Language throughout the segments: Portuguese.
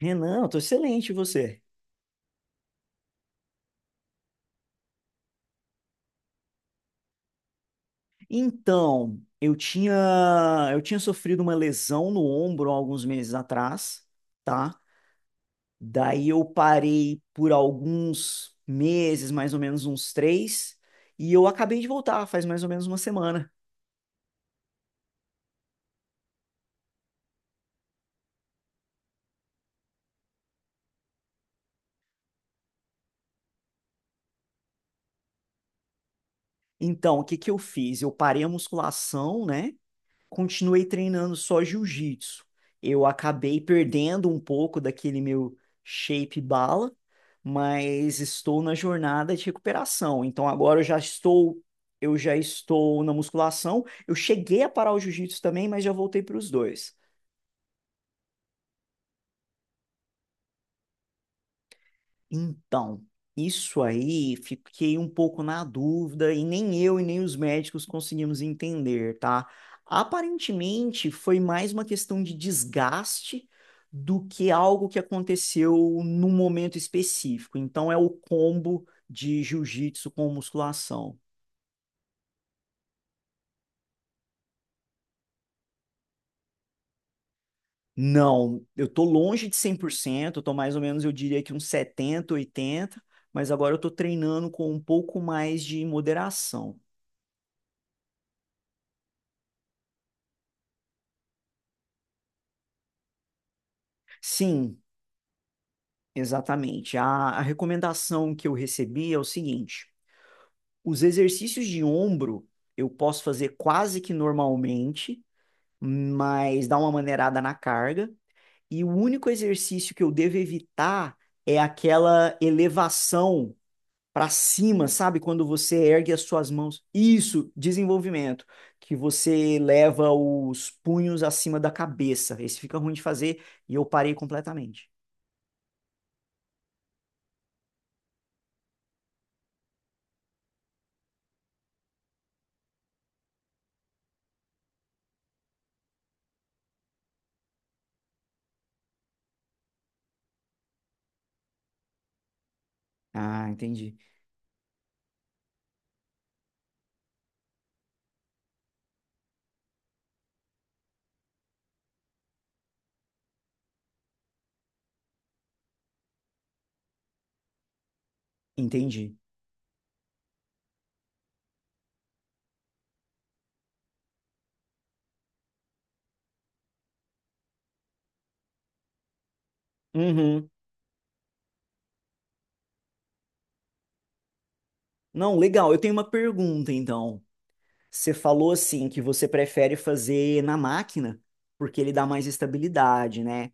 Renan, eu tô excelente, e você? Então, eu tinha sofrido uma lesão no ombro há alguns meses atrás, tá? Daí eu parei por alguns meses, mais ou menos uns três, e eu acabei de voltar, faz mais ou menos uma semana. Então, o que que eu fiz? Eu parei a musculação, né? Continuei treinando só jiu-jitsu. Eu acabei perdendo um pouco daquele meu shape bala, mas estou na jornada de recuperação. Então agora eu já estou na musculação. Eu cheguei a parar o jiu-jitsu também, mas já voltei para os dois. Então, isso aí fiquei um pouco na dúvida e nem eu e nem os médicos conseguimos entender, tá? Aparentemente foi mais uma questão de desgaste do que algo que aconteceu num momento específico. Então é o combo de jiu-jitsu com musculação. Não, eu tô longe de 100%, eu tô mais ou menos, eu diria que uns 70, 80, mas agora eu tô treinando com um pouco mais de moderação. Sim, exatamente. A recomendação que eu recebi é o seguinte: os exercícios de ombro eu posso fazer quase que normalmente, mas dá uma maneirada na carga. E o único exercício que eu devo evitar é aquela elevação para cima, sabe? Quando você ergue as suas mãos. Isso, desenvolvimento, que você leva os punhos acima da cabeça. Esse fica ruim de fazer e eu parei completamente. Ah, entendi. Entendi. Uhum. Não, legal. Eu tenho uma pergunta, então. Você falou assim que você prefere fazer na máquina porque ele dá mais estabilidade, né?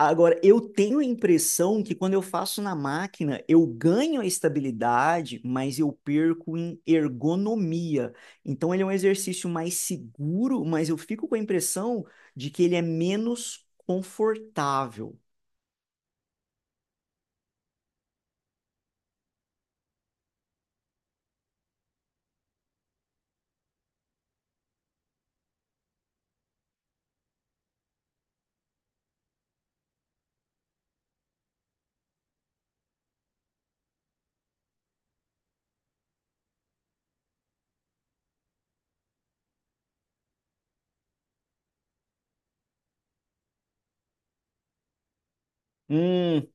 Agora, eu tenho a impressão que quando eu faço na máquina, eu ganho a estabilidade, mas eu perco em ergonomia. Então, ele é um exercício mais seguro, mas eu fico com a impressão de que ele é menos confortável. Hum,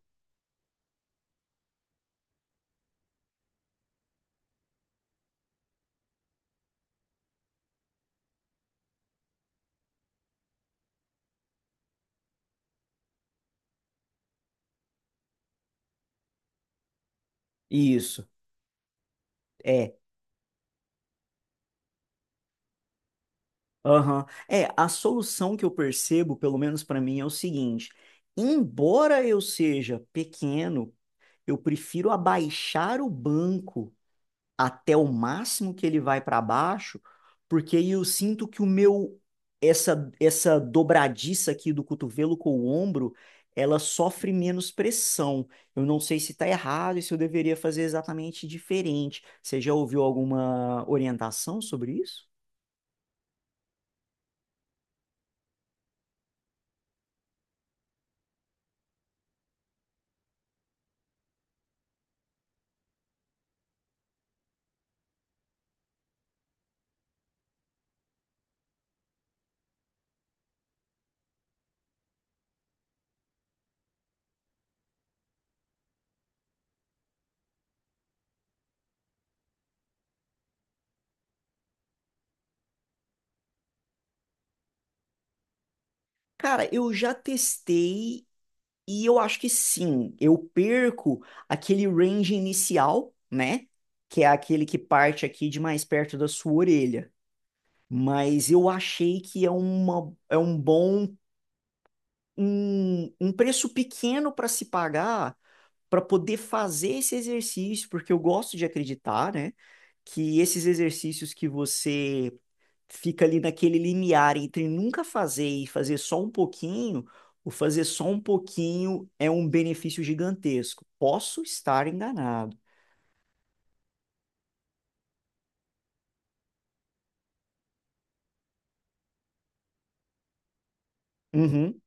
isso. É. Aham. É, a solução que eu percebo, pelo menos para mim, é o seguinte: embora eu seja pequeno, eu prefiro abaixar o banco até o máximo que ele vai para baixo, porque aí eu sinto que o meu essa dobradiça aqui do cotovelo com o ombro, ela sofre menos pressão. Eu não sei se está errado e se eu deveria fazer exatamente diferente. Você já ouviu alguma orientação sobre isso? Cara, eu já testei. E eu acho que sim, eu perco aquele range inicial, né? Que é aquele que parte aqui de mais perto da sua orelha. Mas eu achei que é uma, é um bom, um preço pequeno para se pagar para poder fazer esse exercício, porque eu gosto de acreditar, né? Que esses exercícios que você fica ali naquele limiar entre nunca fazer e fazer só um pouquinho, o fazer só um pouquinho é um benefício gigantesco. Posso estar enganado. Uhum,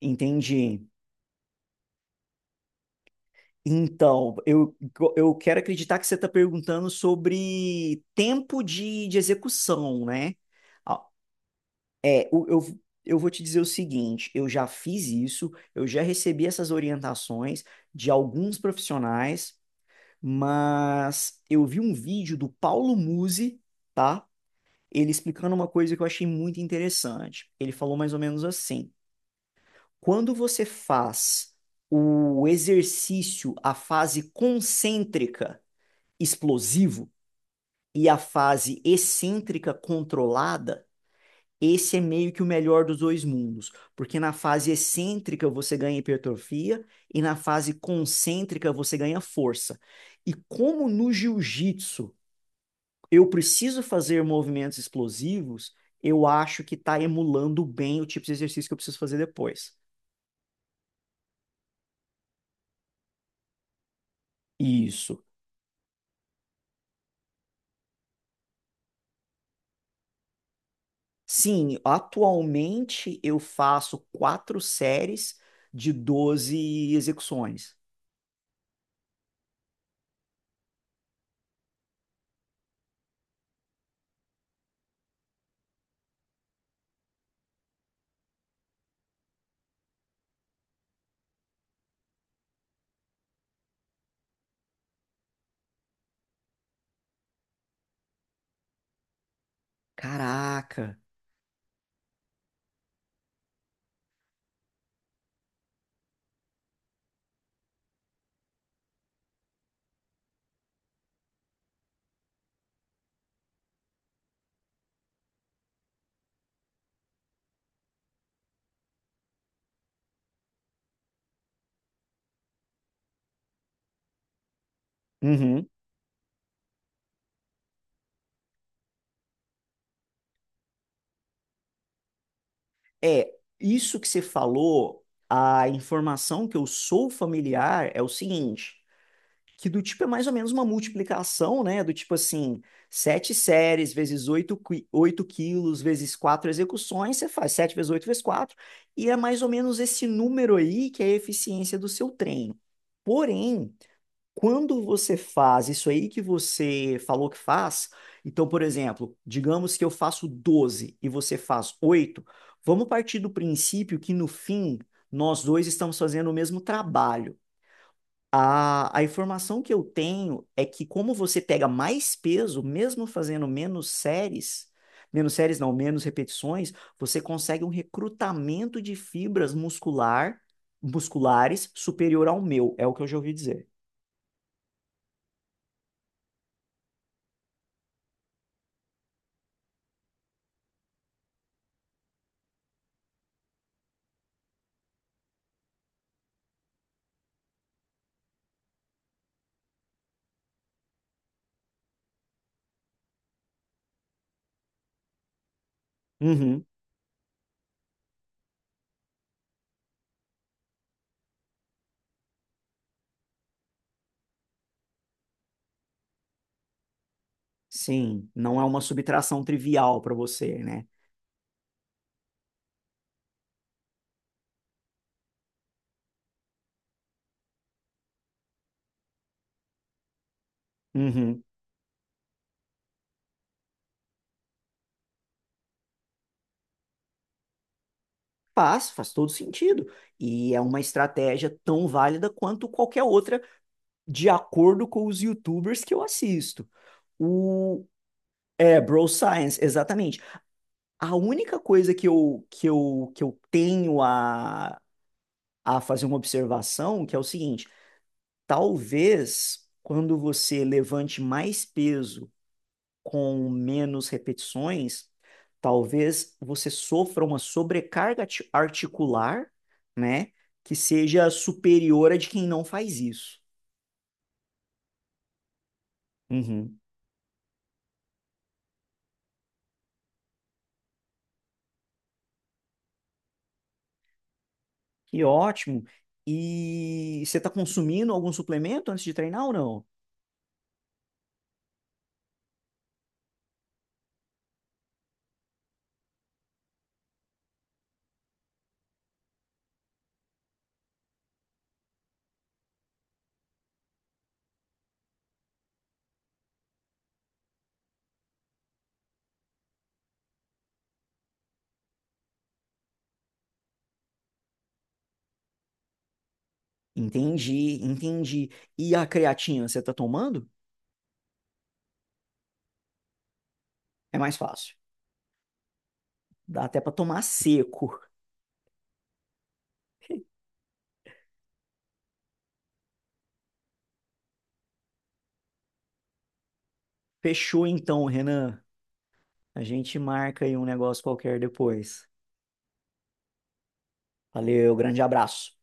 entendi. Então, eu quero acreditar que você está perguntando sobre tempo de execução, né? Ah, é, eu vou te dizer o seguinte: eu já fiz isso, eu já recebi essas orientações de alguns profissionais, mas eu vi um vídeo do Paulo Musi, tá? Ele explicando uma coisa que eu achei muito interessante. Ele falou mais ou menos assim: quando você faz o exercício, a fase concêntrica explosivo e a fase excêntrica controlada, esse é meio que o melhor dos dois mundos, porque na fase excêntrica você ganha hipertrofia e na fase concêntrica você ganha força. E como no jiu-jitsu eu preciso fazer movimentos explosivos, eu acho que está emulando bem o tipo de exercício que eu preciso fazer depois. Isso. Sim, atualmente eu faço 4 séries de 12 execuções. Caraca. Uhum. É, isso que você falou, a informação que eu sou familiar é o seguinte. Que do tipo é mais ou menos uma multiplicação, né? Do tipo assim, sete séries vezes 8 8 quilos vezes 4 execuções, você faz sete vezes oito vezes quatro e é mais ou menos esse número aí que é a eficiência do seu treino. Porém, quando você faz isso aí que você falou que faz, então, por exemplo, digamos que eu faço 12 e você faz 8, vamos partir do princípio que no fim nós dois estamos fazendo o mesmo trabalho. A informação que eu tenho é que como você pega mais peso, mesmo fazendo menos séries não, menos repetições, você consegue um recrutamento de fibras muscular, musculares superior ao meu, é o que eu já ouvi dizer. Uhum, sim, não é uma subtração trivial para você, né? Uhum. Faz, faz todo sentido. E é uma estratégia tão válida quanto qualquer outra, de acordo com os YouTubers que eu assisto. O, é, Bro Science, exatamente. A única coisa que eu tenho a fazer uma observação, que é o seguinte, talvez quando você levante mais peso com menos repetições, talvez você sofra uma sobrecarga ati- articular, né, que seja superior a de quem não faz isso. Uhum. Que ótimo. E você está consumindo algum suplemento antes de treinar ou não? Entendi, entendi. E a creatina você tá tomando? É mais fácil. Dá até pra tomar seco. Fechou então, Renan. A gente marca aí um negócio qualquer depois. Valeu, grande abraço.